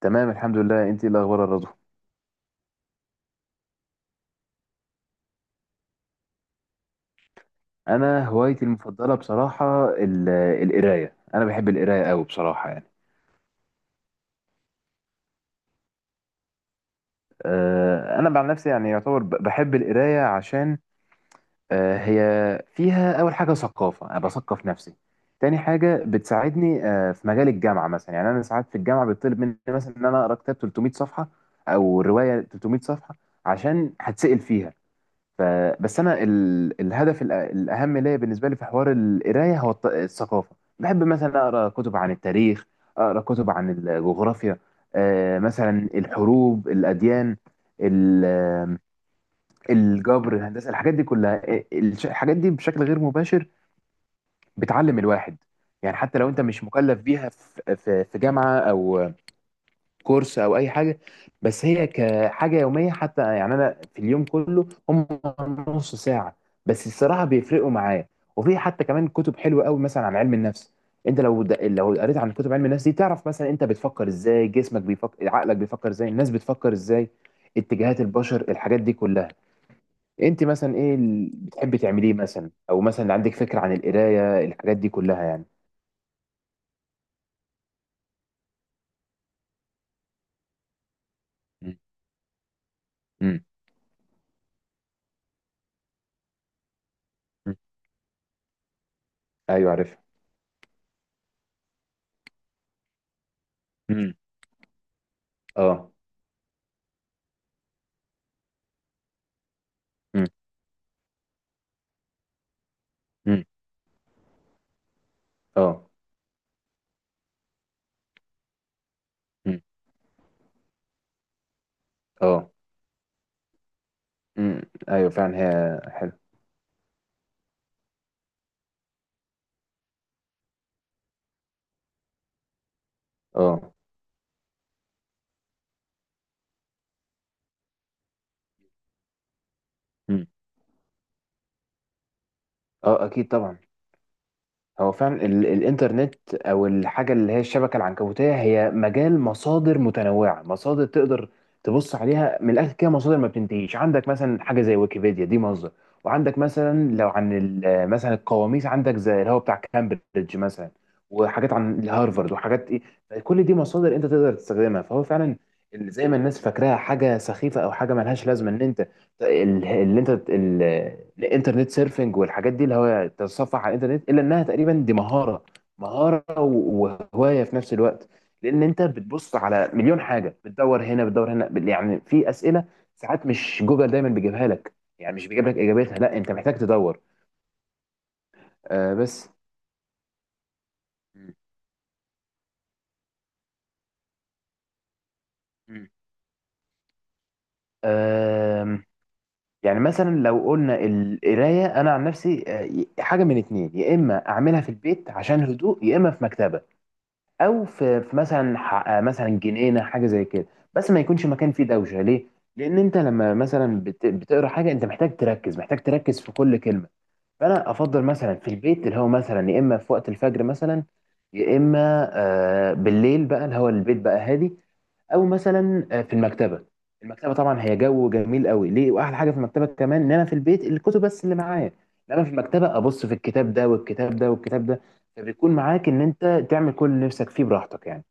تمام الحمد لله. انت ايه الاخبار يا رضوى؟ انا هوايتي المفضله بصراحه القرايه. انا بحب القرايه قوي بصراحه يعني. انا عن نفسي يعني يعتبر بحب القرايه عشان هي فيها اول حاجه ثقافه، انا بثقف نفسي. تاني حاجه بتساعدني في مجال الجامعه مثلا. يعني انا ساعات في الجامعه بيطلب مني مثلا ان انا اقرا كتاب 300 صفحه او روايه 300 صفحه عشان هتسال فيها، ف... بس انا الهدف الاهم ليا بالنسبه لي في حوار القرايه هو الثقافه. بحب مثلا اقرا كتب عن التاريخ، اقرا كتب عن الجغرافيا، مثلا الحروب، الاديان، ال- آه، الجبر، الهندسه، الحاجات دي كلها. الحاجات دي بشكل غير مباشر بتعلم الواحد، يعني حتى لو انت مش مكلف بيها في في جامعه او كورس او اي حاجه. بس هي كحاجه يوميه حتى، يعني انا في اليوم كله هم نص ساعه بس الصراحه بيفرقوا معايا. وفي حتى كمان كتب حلوه قوي مثلا عن علم النفس. انت لو لو قريت عن كتب علم النفس دي تعرف مثلا انت بتفكر ازاي، جسمك بيفكر عقلك بيفكر ازاي، الناس بتفكر ازاي، اتجاهات البشر، الحاجات دي كلها. انت مثلا ايه اللي بتحبي تعمليه مثلا؟ او مثلا عندك فكره عن القرايه الحاجات دي كلها يعني؟ مم. مم. مم. ايوه عارف. مم. اه مم. مم. اه مم. اه امم ايوه فعلا هي حلو. اه امم اه اكيد طبعا. هو فعلا الانترنت او الحاجه اللي هي الشبكه العنكبوتيه هي مجال مصادر متنوعه، مصادر تقدر تبص عليها من الاخر كده، مصادر ما بتنتهيش. عندك مثلا حاجه زي ويكيبيديا دي مصدر، وعندك مثلا لو عن مثلا القواميس عندك زي اللي هو بتاع كامبريدج مثلا، وحاجات عن الهارفرد وحاجات ايه، كل دي مصادر انت تقدر تستخدمها. فهو فعلا زي ما الناس فاكراها حاجه سخيفه او حاجه ملهاش لازمه ان انت ال- اللي انت ال- الانترنت سيرفنج والحاجات دي اللي هو تتصفح على الانترنت، الا انها تقريبا دي مهاره، مهاره وهوايه في نفس الوقت. لان انت بتبص على مليون حاجه، بتدور هنا بتدور هنا، يعني في اسئله ساعات مش جوجل دايما بيجيبها لك، يعني مش بيجيب لك اجابتها، لا انت محتاج تدور. آه بس مم. مم. آم، يعني مثلا لو قلنا القرايه انا عن نفسي، حاجه من اتنين: يا اما اعملها في البيت عشان هدوء، يا اما في مكتبه، او في مثلا مثلا جنينه حاجه زي كده، بس ما يكونش مكان فيه دوشه ليه. لان انت لما مثلا بتقرا حاجه انت محتاج تركز، محتاج تركز في كل كلمه. فانا افضل مثلا في البيت اللي هو مثلا، يا اما في وقت الفجر مثلا، يا اما بالليل بقى اللي هو البيت بقى هادي، او مثلا في المكتبه. المكتبه طبعا هي جو جميل قوي ليه، واحلى حاجه في المكتبه كمان ان انا في البيت الكتب بس اللي معايا، انما في المكتبه ابص في الكتاب ده والكتاب ده والكتاب ده، فبيكون معاك ان انت تعمل كل اللي نفسك فيه براحتك يعني.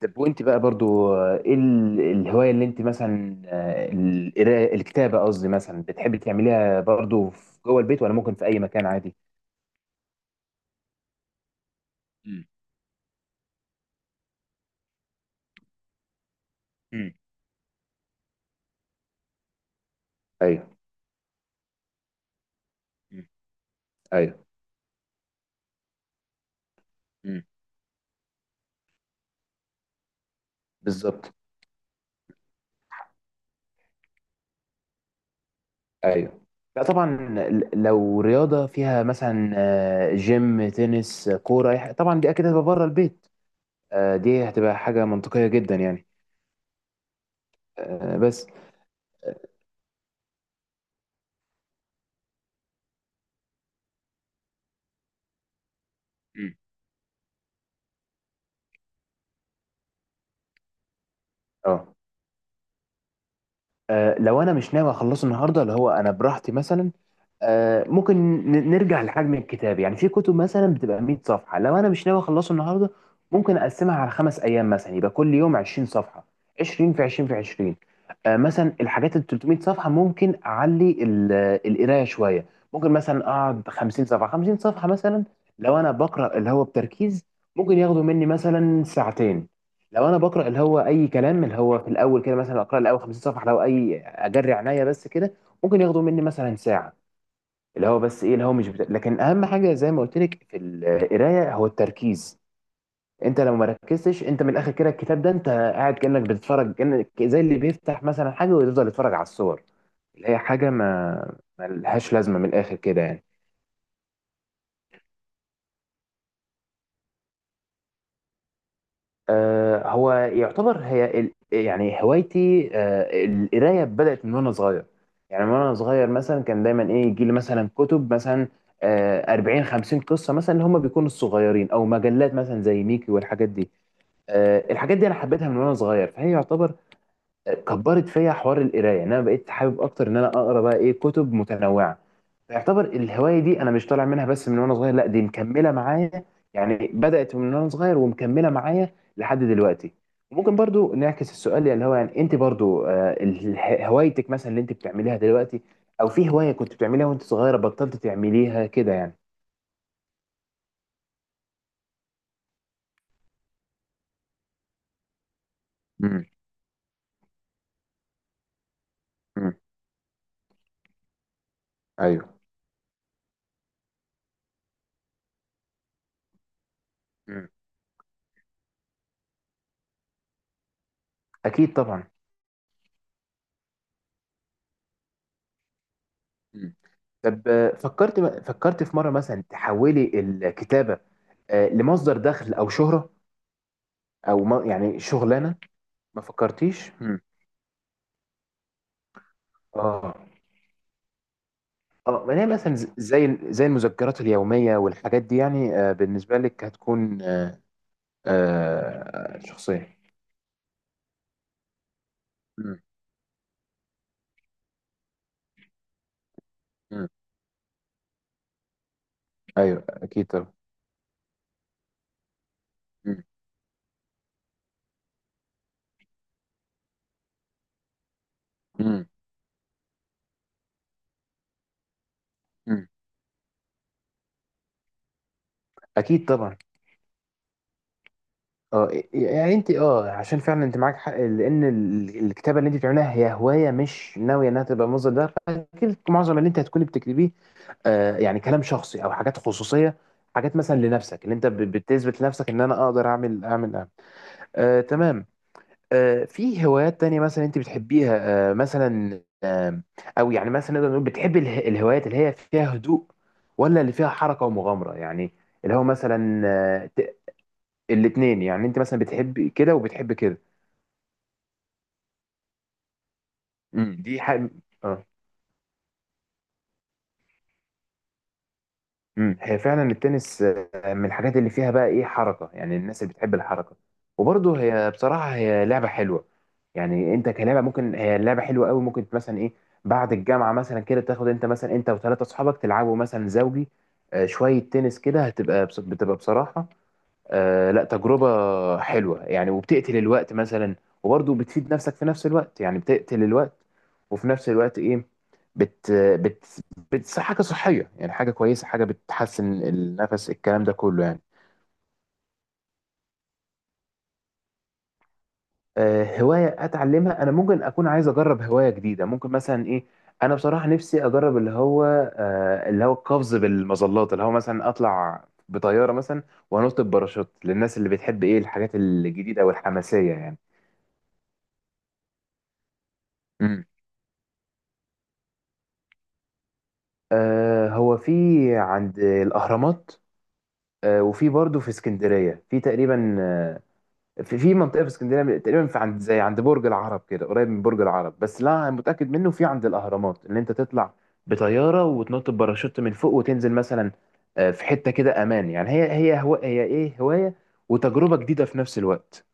طب وانت بقى برضو، ايه الهواية اللي انت مثلا، القراءة الكتابة قصدي، مثلا بتحبي تعمليها برضو جوه البيت، ولا ممكن في اي مكان عادي؟ مم. مم. ايوه. مم. ايوه. مم. بالظبط. ايوه. لا طبعا، لو رياضة فيها مثلا جيم، تنس، كورة، أي حاجة، طبعا دي اكيد هتبقى بره البيت. دي هتبقى حاجة منطقية جدا يعني. آه، بس مم. اه. لو انا مش ناوي اخلصه النهارده اللي هو انا براحتي مثلا، ممكن نرجع لحجم الكتاب. يعني في كتب مثلا بتبقى 100 صفحه، لو انا مش ناوي اخلصه النهارده ممكن اقسمها على خمس ايام مثلا، يبقى كل يوم 20 صفحه، 20 في 20 في 20. مثلا الحاجات ال 300 صفحه ممكن اعلي القرايه شويه، ممكن مثلا اقعد 50 صفحه 50 صفحه مثلا. لو انا بقرا اللي هو بتركيز ممكن ياخدوا مني مثلا ساعتين، لو انا بقرا اللي هو اي كلام اللي هو في الاول كده مثلا، اقرا الاول 50 صفحه لو اي، اجري عينيا بس كده، ممكن ياخدوا مني مثلا ساعه. اللي هو بس ايه اللي هو مش بت... لكن اهم حاجه زي ما قلت لك في القرايه هو التركيز. انت لو ما ركزتش انت من الاخر كده الكتاب ده، انت قاعد كانك بتتفرج، كانك زي اللي بيفتح مثلا حاجه ويفضل يتفرج على الصور، اللي هي حاجه ما لهاش لازمه من الاخر كده يعني. هو يعتبر هي يعني هوايتي، القرايه، بدات من وانا صغير. يعني من وانا صغير مثلا كان دايما ايه يجي لي مثلا كتب مثلا، 40 50 قصه مثلا اللي هم بيكونوا الصغيرين، او مجلات مثلا زي ميكي والحاجات دي. الحاجات دي انا حبيتها من وانا صغير، فهي يعتبر كبرت فيا حوار القرايه، ان انا بقيت حابب اكتر ان انا اقرا بقى ايه كتب متنوعه. يعتبر الهواية دي أنا مش طالع منها، بس من وأنا صغير لا، دي مكملة معايا. يعني بدأت من وأنا صغير ومكملة معايا لحد دلوقتي. وممكن برضو نعكس السؤال، يعني اللي هو يعني أنت برضو، هوايتك مثلا اللي أنت بتعمليها دلوقتي، أو في هواية كنت بتعمليها وأنت صغيرة بطلت تعمليها كده يعني؟ امم امم ايوه. مم. أكيد طبعا. مم. طب فكرت في مرة مثلا تحولي الكتابة لمصدر دخل أو شهرة أو يعني شغلانة؟ ما فكرتيش؟ آه اه ما هي مثلا زي المذكرات اليوميه والحاجات دي يعني. بالنسبه لك هتكون شخصيه. مم. مم. ايوه اكيد طبعا. مم. مم. مم. اكيد طبعا. اه يعني انت، عشان فعلا انت معاك حق، لان الكتابه اللي انت بتعملها هي هوايه مش ناويه انها تبقى مصدر دخل، فاكيد معظم اللي انت هتكوني بتكتبيه يعني كلام شخصي او حاجات خصوصيه، حاجات مثلا لنفسك، اللي انت بتثبت لنفسك ان انا اقدر أعمل. تمام. في هوايات تانية مثلا انت بتحبيها مثلا؟ او يعني مثلا نقدر نقول بتحبي الهوايات اللي هي فيها هدوء، ولا اللي فيها حركة ومغامرة يعني؟ اللي هو مثلا الاتنين يعني، انت مثلا بتحبي كده وبتحبي كده؟ دي حاجة. آه. هي فعلا التنس من الحاجات اللي فيها بقى ايه حركه، يعني الناس اللي بتحب الحركه. وبرضه هي بصراحه هي لعبه حلوه، يعني انت كلعبه ممكن هي لعبه حلوه قوي. ممكن مثلا ايه بعد الجامعه مثلا كده تاخد، انت مثلا وثلاثه اصحابك تلعبوا مثلا زوجي، شويه تنس كده، هتبقى بتبقى بصراحه لا تجربة حلوة يعني، وبتقتل الوقت مثلا، وبرضه بتفيد نفسك في نفس الوقت. يعني بتقتل الوقت وفي نفس الوقت ايه، بت بت بت حاجة صحية، يعني حاجة كويسة، حاجة بتحسن النفس الكلام ده كله يعني. هواية اتعلمها انا، ممكن اكون عايز اجرب هواية جديدة. ممكن مثلا ايه، انا بصراحة نفسي اجرب اللي هو اللي هو القفز بالمظلات، اللي هو مثلا اطلع بطيارة مثلا وانط بباراشوت، للناس اللي بتحب ايه الحاجات الجديدة والحماسية يعني. هو في عند الأهرامات، وفي برضه في اسكندرية في تقريبا. في منطقة في اسكندرية تقريبا، في عند زي عند برج العرب كده، قريب من برج العرب، بس لا أنا متأكد منه في عند الأهرامات اللي أنت تطلع بطيارة وتنط بباراشوت من فوق وتنزل مثلا. في حتة كده أمان يعني، هي إيه هواية وتجربة جديدة في نفس الوقت.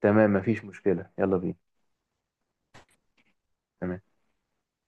تمام مفيش مشكلة، يلا بينا. تمام.